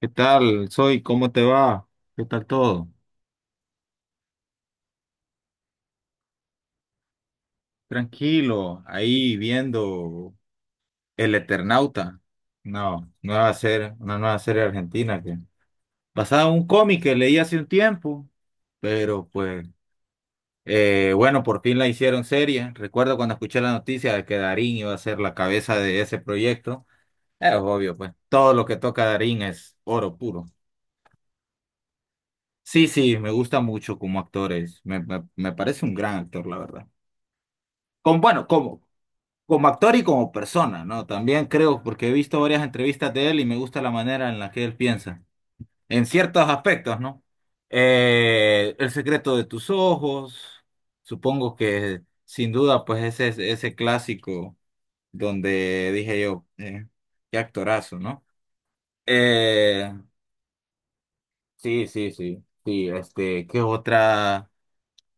¿Qué tal? ¿Cómo te va? ¿Qué tal todo? Tranquilo, ahí viendo El Eternauta. No, nueva serie, una nueva serie argentina que basada en un cómic que leí hace un tiempo, pero pues bueno, por fin la hicieron serie. Recuerdo cuando escuché la noticia de que Darín iba a ser la cabeza de ese proyecto. Es obvio, pues todo lo que toca Darín es oro puro. Sí, sí, me gusta mucho como actor es. Me parece un gran actor, la verdad. Bueno, como actor y como persona, ¿no? También creo, porque he visto varias entrevistas de él y me gusta la manera en la que él piensa, en ciertos aspectos, ¿no? El secreto de tus ojos, supongo que sin duda, pues ese es ese clásico donde dije yo, qué actorazo, ¿no? Eh, sí, sí, sí, sí, este, ¿qué otra?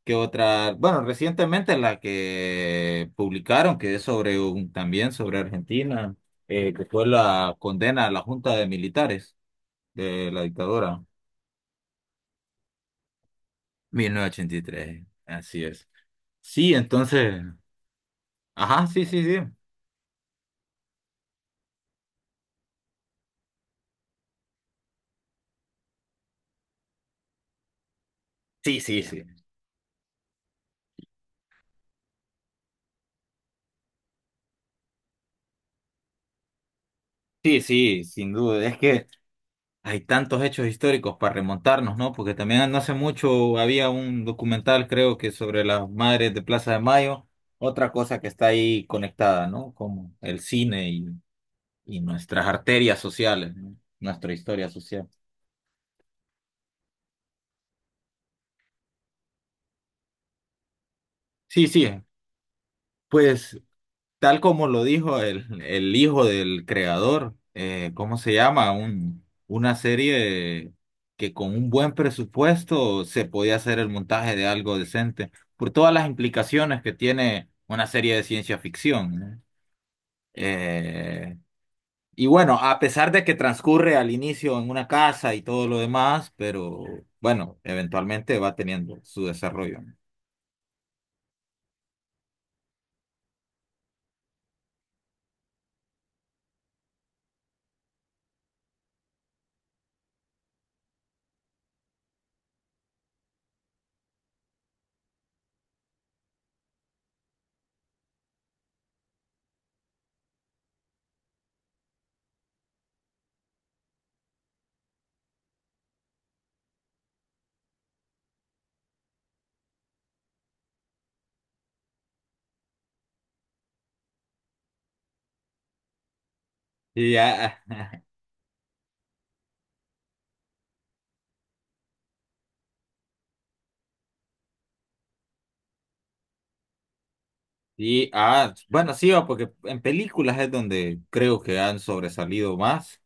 que otra? Bueno, recientemente la que publicaron, que es sobre también sobre Argentina, que fue la condena a la Junta de Militares de la dictadura, 1983. Así es. Sí, entonces, ajá, sí, sí, sí. Sí, sí, sí. Sí, sí, sin duda. Es que Hay tantos hechos históricos para remontarnos, ¿no? Porque también no hace mucho había un documental, creo que sobre las madres de Plaza de Mayo, otra cosa que está ahí conectada, ¿no? Como el cine y nuestras arterias sociales, ¿no? Nuestra historia social. Sí, sí, pues tal como lo dijo el hijo del creador, ¿cómo se llama? Una serie que con un buen presupuesto se podía hacer el montaje de algo decente, por todas las implicaciones que tiene una serie de ciencia ficción, ¿no? Eh, y bueno, a pesar de que transcurre al inicio en una casa y todo lo demás, pero bueno, eventualmente va teniendo su desarrollo, ¿no? Y ya bueno, sí, va, porque en películas es donde creo que han sobresalido más.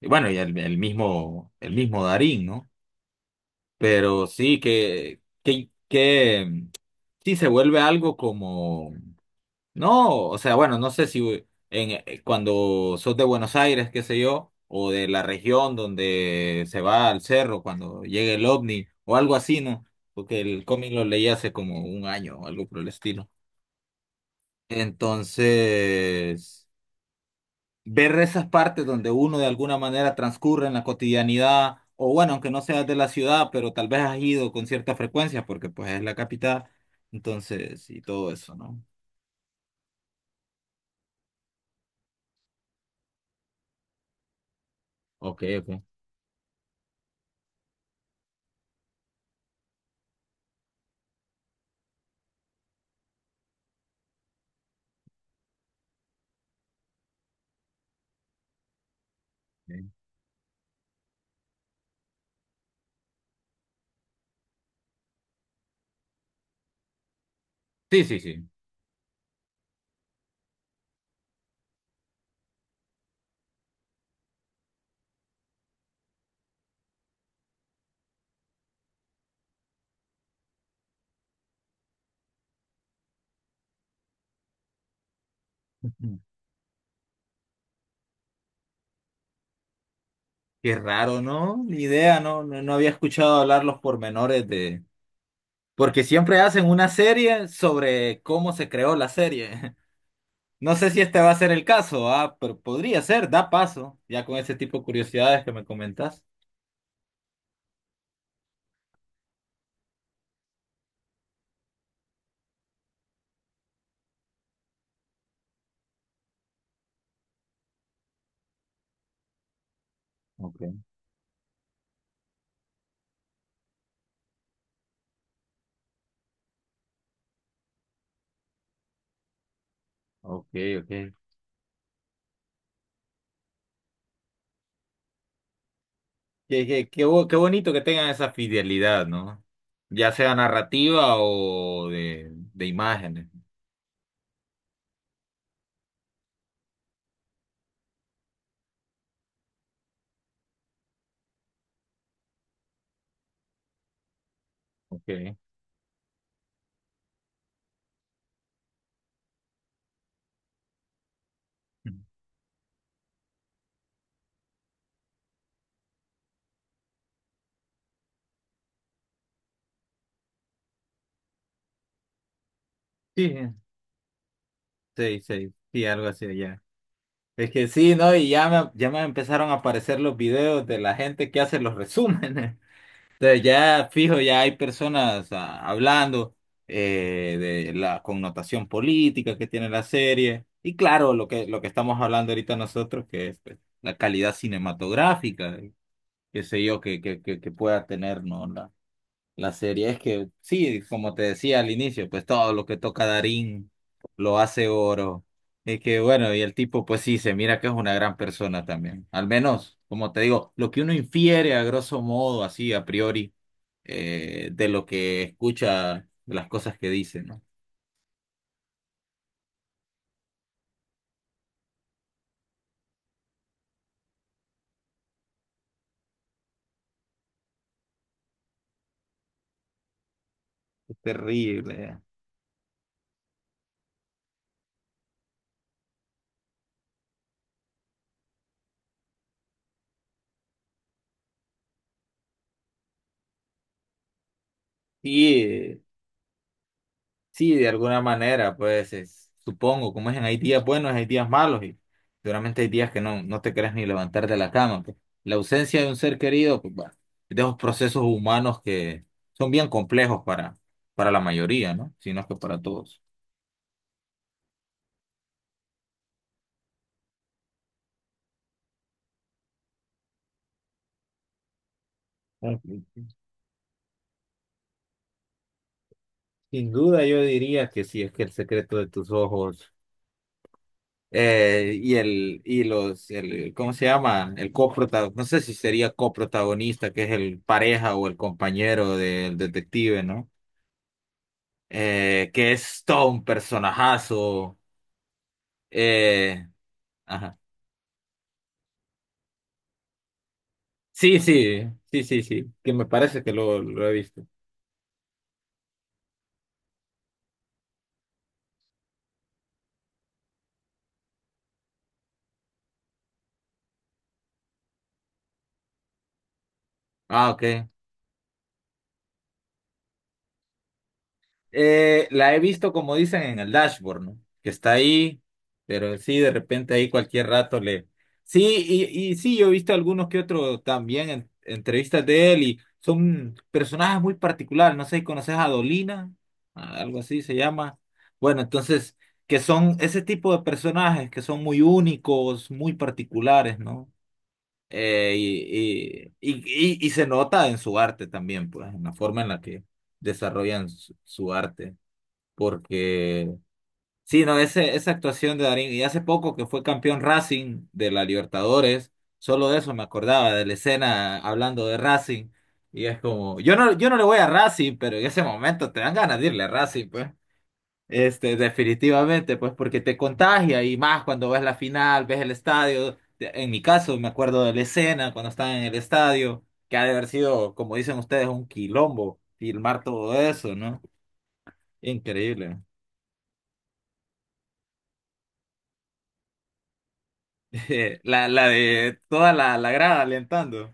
Y bueno, y el mismo Darín, ¿no? Pero sí sí se vuelve algo como, no, o sea, bueno, no sé si cuando sos de Buenos Aires, qué sé yo, o de la región donde se va al cerro cuando llega el ovni, o algo así, ¿no? Porque el cómic lo leí hace como un año o algo por el estilo. Entonces ver esas partes donde uno de alguna manera transcurre en la cotidianidad, o bueno, aunque no seas de la ciudad, pero tal vez has ido con cierta frecuencia, porque pues es la capital, entonces, y todo eso, ¿no? Ok, ok. Ok. Sí, sí, sí. Ujú. Qué raro, ¿no? Ni idea, ¿no? No, no había escuchado hablar los pormenores de... Porque siempre hacen una serie sobre cómo se creó la serie. No sé si este va a ser el caso, pero podría ser, da paso, ya con ese tipo de curiosidades que me comentas. Ok. Ok, ok. Qué bonito que tengan esa fidelidad, ¿no? Ya sea narrativa o de imágenes. Ok. Sí, sí, sí, sí, algo así allá. Es que sí, ¿no? Y ya me empezaron a aparecer los videos de la gente que hace los resúmenes. Entonces ya fijo, ya hay personas hablando eh, de la connotación política que tiene la serie. Y claro, lo que estamos hablando ahorita nosotros, que es pues, la calidad cinematográfica. Qué sé yo, que pueda tener, ¿no? La serie es que, sí, como te decía al inicio, pues todo lo que toca Darín lo hace oro. Es que, bueno, y el tipo, pues sí, se mira que es una gran persona también. Al menos, como te digo, lo que uno infiere a grosso modo, así, a priori, de lo que escucha, de las cosas que dice, ¿no? Es terrible. Y sí, de alguna manera, pues supongo, como es en hay días buenos, hay días malos y seguramente hay días que no te querés ni levantar de la cama, pues. La ausencia de un ser querido, pues bueno, es de esos procesos humanos que son bien complejos para la mayoría, ¿no? Si no es que para todos. Ah, sí, sí. Sin duda yo diría que sí, es que el secreto de tus ojos, y el, y los, el, ¿cómo se llama? El coprotagonista, no sé si sería coprotagonista, que es el pareja o el compañero del detective, ¿no? Que es todo un personajazo. eh, ajá. Sí, sí, sí, sí, sí, que me parece que lo he visto. Ah, ok. La he visto como dicen en el dashboard, ¿no? Que está ahí, pero sí, de repente ahí cualquier rato le... Sí, y, y sí, yo he visto algunos que otros también en entrevistas de él y son personajes muy particulares, no sé si conoces a Dolina, algo así se llama. Bueno, entonces, que son ese tipo de personajes que son muy únicos, muy particulares, ¿no? Y se nota en su arte también, pues, en la forma en la que desarrollan su arte porque sí, no, esa actuación de Darín, y hace poco que fue campeón Racing de la Libertadores, solo de eso me acordaba, de la escena hablando de Racing, y es como, yo no le voy a Racing, pero en ese momento te dan ganas de irle a Racing, pues. Este, definitivamente, pues porque te contagia y más cuando ves la final, ves el estadio. En mi caso, me acuerdo de la escena cuando estaban en el estadio, que ha de haber sido, como dicen ustedes, un quilombo filmar todo eso, ¿no? Increíble. La de toda la grada alentando.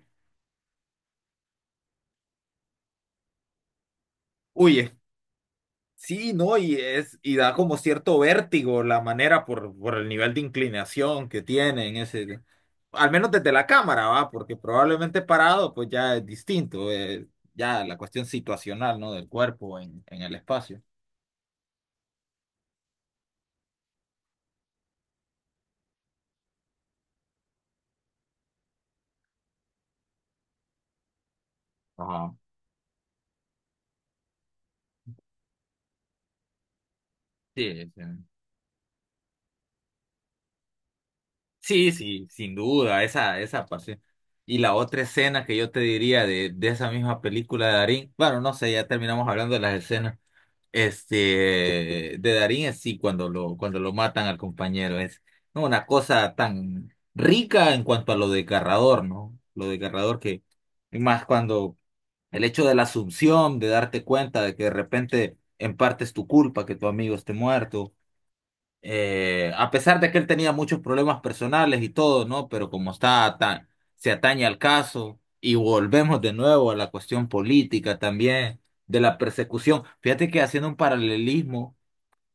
Uy, sí, ¿no? Y da como cierto vértigo la manera por el nivel de inclinación que tiene en ese, al menos desde la cámara, ¿va? Porque probablemente parado, pues ya es distinto, ya la cuestión situacional, ¿no? Del cuerpo en el espacio. Ajá. Sí, sí, sí, sí, sin duda, esa parte. Y la otra escena que yo te diría de esa misma película de Darín, bueno, no sé, ya terminamos hablando de las escenas. Este, de Darín, es sí, cuando lo matan al compañero, es, ¿no?, una cosa tan rica en cuanto a lo desgarrador, ¿no? Lo desgarrador que, y más cuando el hecho de la asunción, de darte cuenta de que de repente en parte es tu culpa que tu amigo esté muerto, a pesar de que él tenía muchos problemas personales y todo, ¿no? Pero como está tan, se atañe al caso y volvemos de nuevo a la cuestión política también, de la persecución. Fíjate que haciendo un paralelismo,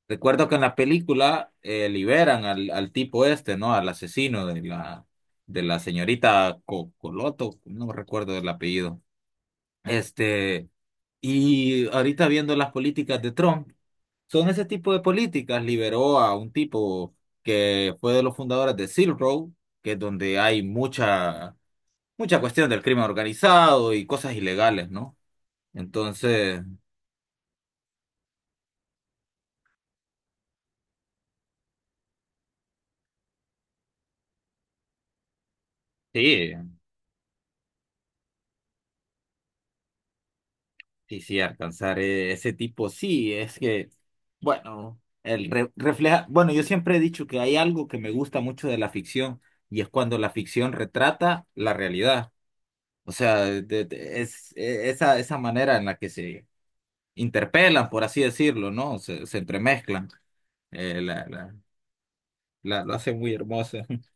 recuerdo que en la película liberan al tipo este, ¿no? Al asesino de la señorita Coloto, no recuerdo el apellido. Este, y ahorita viendo las políticas de Trump. Son ese tipo de políticas. Liberó a un tipo que fue de los fundadores de Silk Road, que es donde hay mucha, mucha cuestión del crimen organizado y cosas ilegales, ¿no? Entonces, sí, sí, sí, alcanzar ese tipo, sí, es que, bueno, el refleja, bueno, yo siempre he dicho que hay algo que me gusta mucho de la ficción y es cuando la ficción retrata la realidad. O sea, esa manera en la que se interpelan, por así decirlo, ¿no? Se entremezclan. Eh, la, la, lo hace muy hermoso.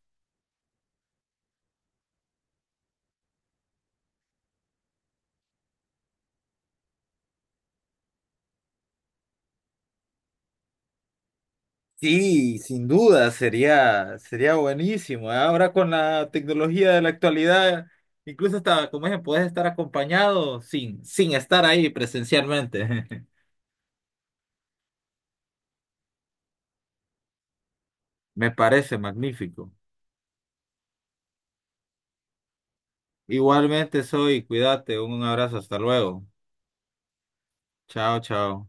Sí, sin duda, sería buenísimo, ¿eh? Ahora con la tecnología de la actualidad, incluso hasta, como dije, puedes estar acompañado sin estar ahí presencialmente. Me parece magnífico. Igualmente soy, cuídate, un abrazo, hasta luego. Chao, chao.